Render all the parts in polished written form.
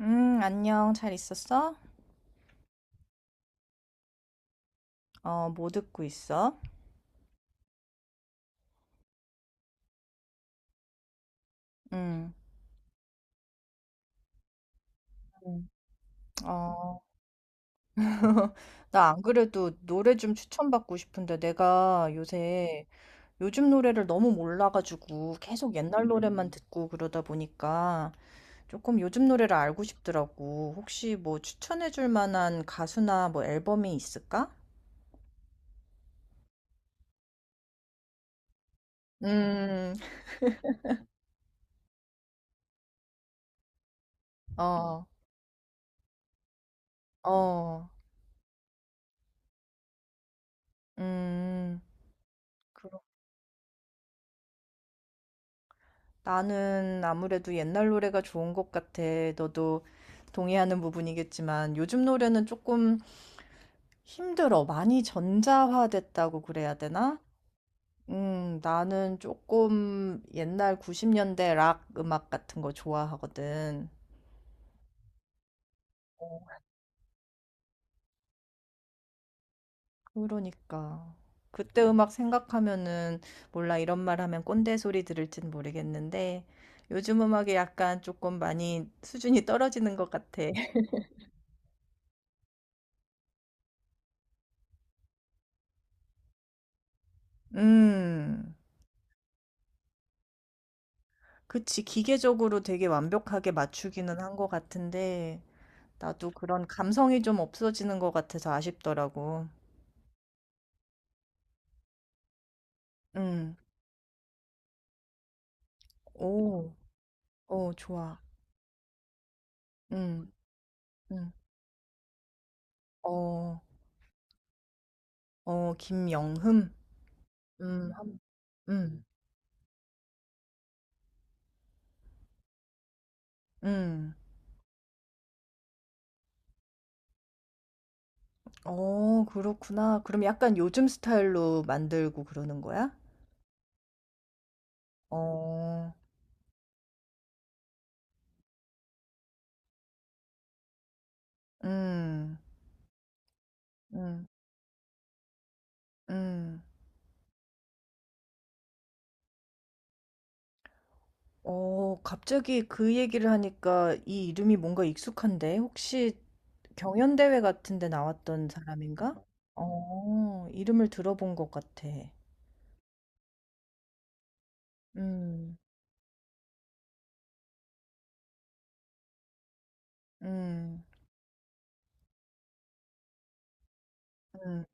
안녕. 잘 있었어? 어, 뭐 듣고 있어? 음, 음. 어, 나 안 그래도 노래 좀 추천받고 싶은데 내가 요새 요즘 노래를 너무 몰라가지고 계속 옛날 노래만 듣고 그러다 보니까 조금 요즘 노래를 알고 싶더라고. 혹시 뭐 추천해줄 만한 가수나 뭐 앨범이 있을까? 음, 어, 어, 음. 나는 아무래도 옛날 노래가 좋은 것 같아. 너도 동의하는 부분이겠지만 요즘 노래는 조금 힘들어. 많이 전자화됐다고 그래야 되나? 나는 조금 옛날 90년대 락 음악 같은 거 좋아하거든. 그러니까. 그때 음악 생각하면은 몰라 이런 말 하면 꼰대 소리 들을진 모르겠는데 요즘 음악이 약간 조금 많이 수준이 떨어지는 것 같아. 음. 그치. 기계적으로 되게 완벽하게 맞추기는 한 것 같은데, 나도 그런 감성이 좀 없어지는 것 같아서 아쉽더라고. 응, 오, 어, 좋아. 응, 응, 어, 어, 김영흠? 음, 한- 음, 음. 어, 그렇구나. 그럼 약간 요즘 스타일로 만들고 그러는 거야? 어, 음, 음, 음. 어, 갑자기 그 얘기를 하니까 이 이름이 뭔가 익숙한데? 혹시 경연대회 같은 데 나왔던 사람인가? 어, 이름을 들어본 것 같아. 음, 음, 음,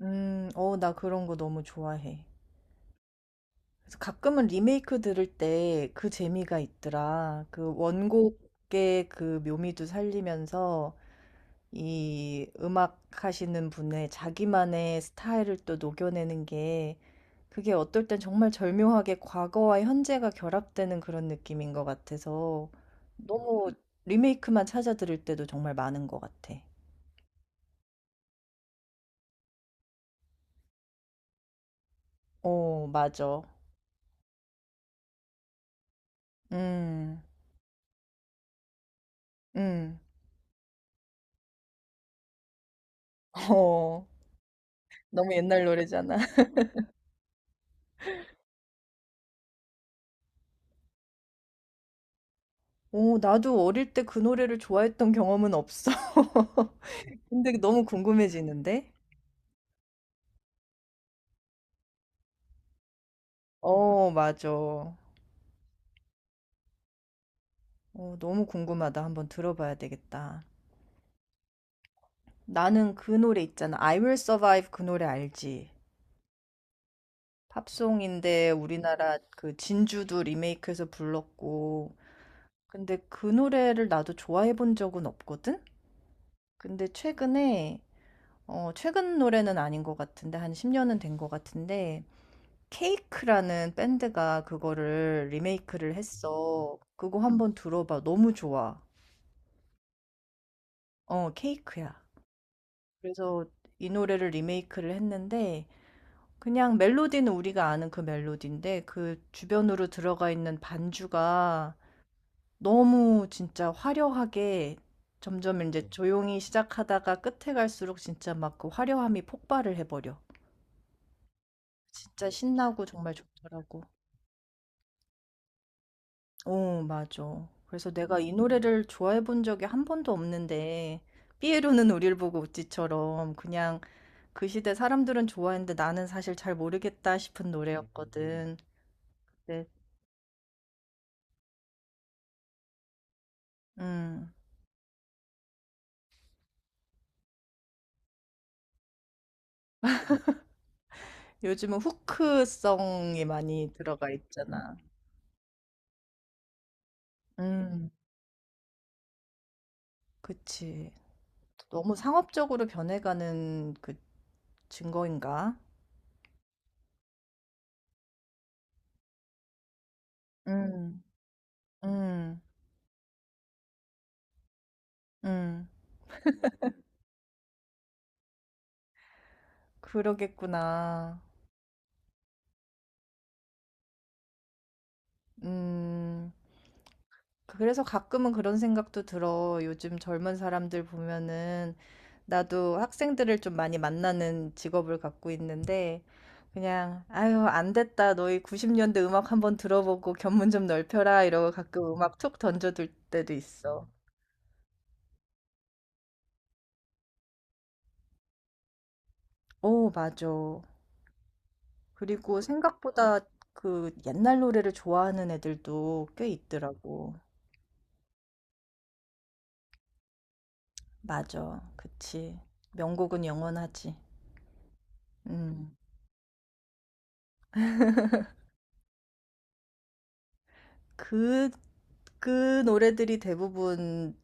어, 나 그런 거 너무 좋아해. 그래서 가끔은 리메이크 들을 때 그 재미가 있더라. 그 원곡의 그 묘미도 살리면서 이 음악 하시는 분의 자기만의 스타일을 또 녹여내는 게 그게 어떨 땐 정말 절묘하게 과거와 현재가 결합되는 그런 느낌인 것 같아서 너무 리메이크만 찾아 들을 때도 정말 많은 것 같아. 어, 맞아. 음, 음, 어. 너무 옛날 노래잖아. 오, 나도 어릴 때 그 노래를 좋아했던 경험은 없어. 근데 너무 궁금해지는데? 어, 맞아. 어, 너무 궁금하다. 한번 들어봐야 되겠다. 나는 그 노래 있잖아. I Will Survive 그 노래 알지? 팝송인데 우리나라 그 진주도 리메이크해서 불렀고 근데 그 노래를 나도 좋아해 본 적은 없거든? 근데 최근에 어 최근 노래는 아닌 것 같은데 한 10년은 된 것 같은데 케이크라는 밴드가 그거를 리메이크를 했어. 그거 한번 들어봐. 너무 좋아. 어 케이크야. 그래서 이 노래를 리메이크를 했는데 그냥 멜로디는 우리가 아는 그 멜로디인데 그 주변으로 들어가 있는 반주가 너무 진짜 화려하게 점점 이제 네. 조용히 시작하다가 끝에 갈수록 진짜 막 그 화려함이 폭발을 해 버려. 진짜 신나고 정말 좋더라고. 어 맞아. 그래서 내가 이 노래를 좋아해 본 적이 한 번도 없는데 삐에로는 우릴 보고 웃지처럼 그냥 그 시대 사람들은 좋아했는데 나는 사실 잘 모르겠다 싶은 노래였거든. 네. 음. 요즘은 후크성이 많이 들어가 있잖아. 음. 그치. 너무 상업적으로 변해가는 그 증거인가? 음, 음, 음, 그러겠구나. 음, 그래서 가끔은 그런 생각도 들어. 요즘 젊은 사람들 보면은 나도 학생들을 좀 많이 만나는 직업을 갖고 있는데 그냥 아유, 안 됐다. 너희 90년대 음악 한번 들어보고 견문 좀 넓혀라. 이러고 가끔 음악 툭 던져둘 때도 있어. 오, 맞아. 그리고 생각보다 그 옛날 노래를 좋아하는 애들도 꽤 있더라고. 맞아. 그치. 명곡은 영원하지. 음. 그, 그 노래들이 대부분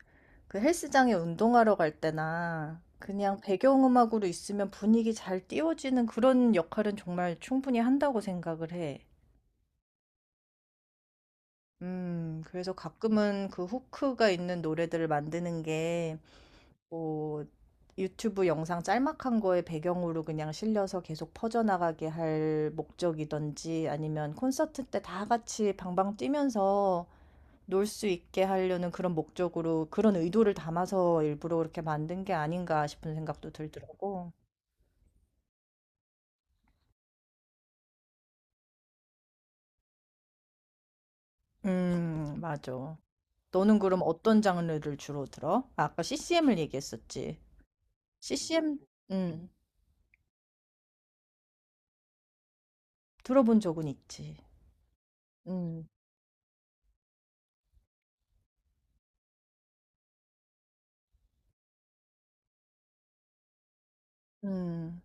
그 헬스장에 운동하러 갈 때나 그냥 배경음악으로 있으면 분위기 잘 띄워지는 그런 역할은 정말 충분히 한다고 생각을 해. 그래서 가끔은 그 후크가 있는 노래들을 만드는 게 뭐 유튜브 영상 짤막한 거에 배경으로 그냥 실려서 계속 퍼져나가게 할 목적이든지 아니면 콘서트 때 다 같이 방방 뛰면서 놀 수 있게 하려는 그런 목적으로 그런 의도를 담아서 일부러 그렇게 만든 게 아닌가 싶은 생각도 들더라고. 맞아. 너는 그럼 어떤 장르를 주로 들어? 아, 아까 CCM을 얘기했었지. CCM, 음, 들어본 적은 있지. 음, 음,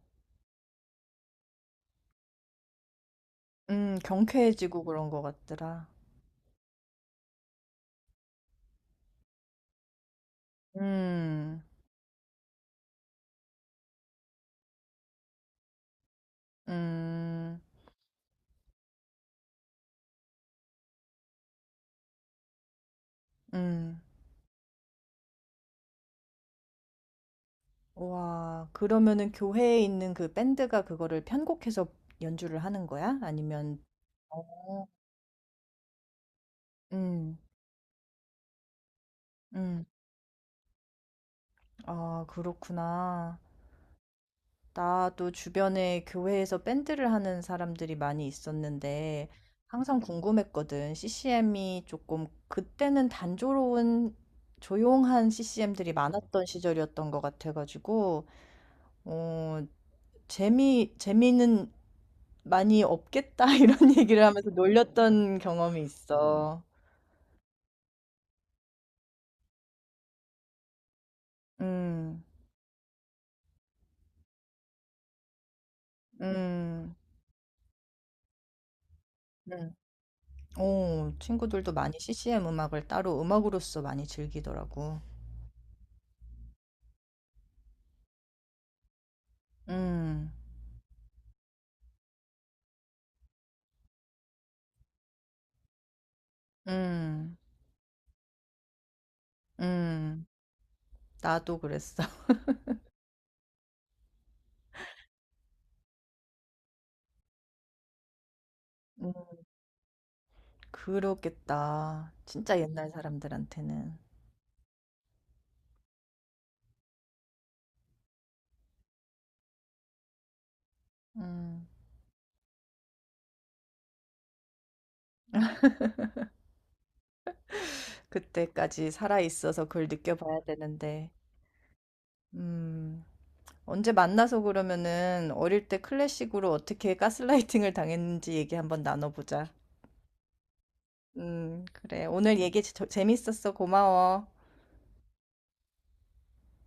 경쾌해지고 그런 것 같더라. 음. 음. 음. 와. 그러면은 교회에 있는 그 밴드가 그거를 편곡해서 연주를 하는 거야? 아니면 어. 음. 음. 아, 그렇구나. 나도 주변에 교회에서 밴드를 하는 사람들이 많이 있었는데 항상 궁금했거든. CCM이 조금 그때는 단조로운 조용한 CCM들이 많았던 시절이었던 것 같아가지고 어, 재미는 많이 없겠다 이런 얘기를 하면서 놀렸던 경험이 있어. 음. 음. 음. 오 친구들도 많이 CCM 음악을 따로 음악으로서 많이 즐기더라고. 음. 음. 음. 나도 그랬어. 음. 그렇겠다. 진짜 옛날 사람들한테는. 음. 그때까지 살아 있어서 그걸 느껴 봐야 되는데. 음. 언제 만나서 그러면은 어릴 때 클래식으로 어떻게 가스라이팅을 당했는지 얘기 한번 나눠보자. 그래. 오늘 얘기 재밌었어. 고마워.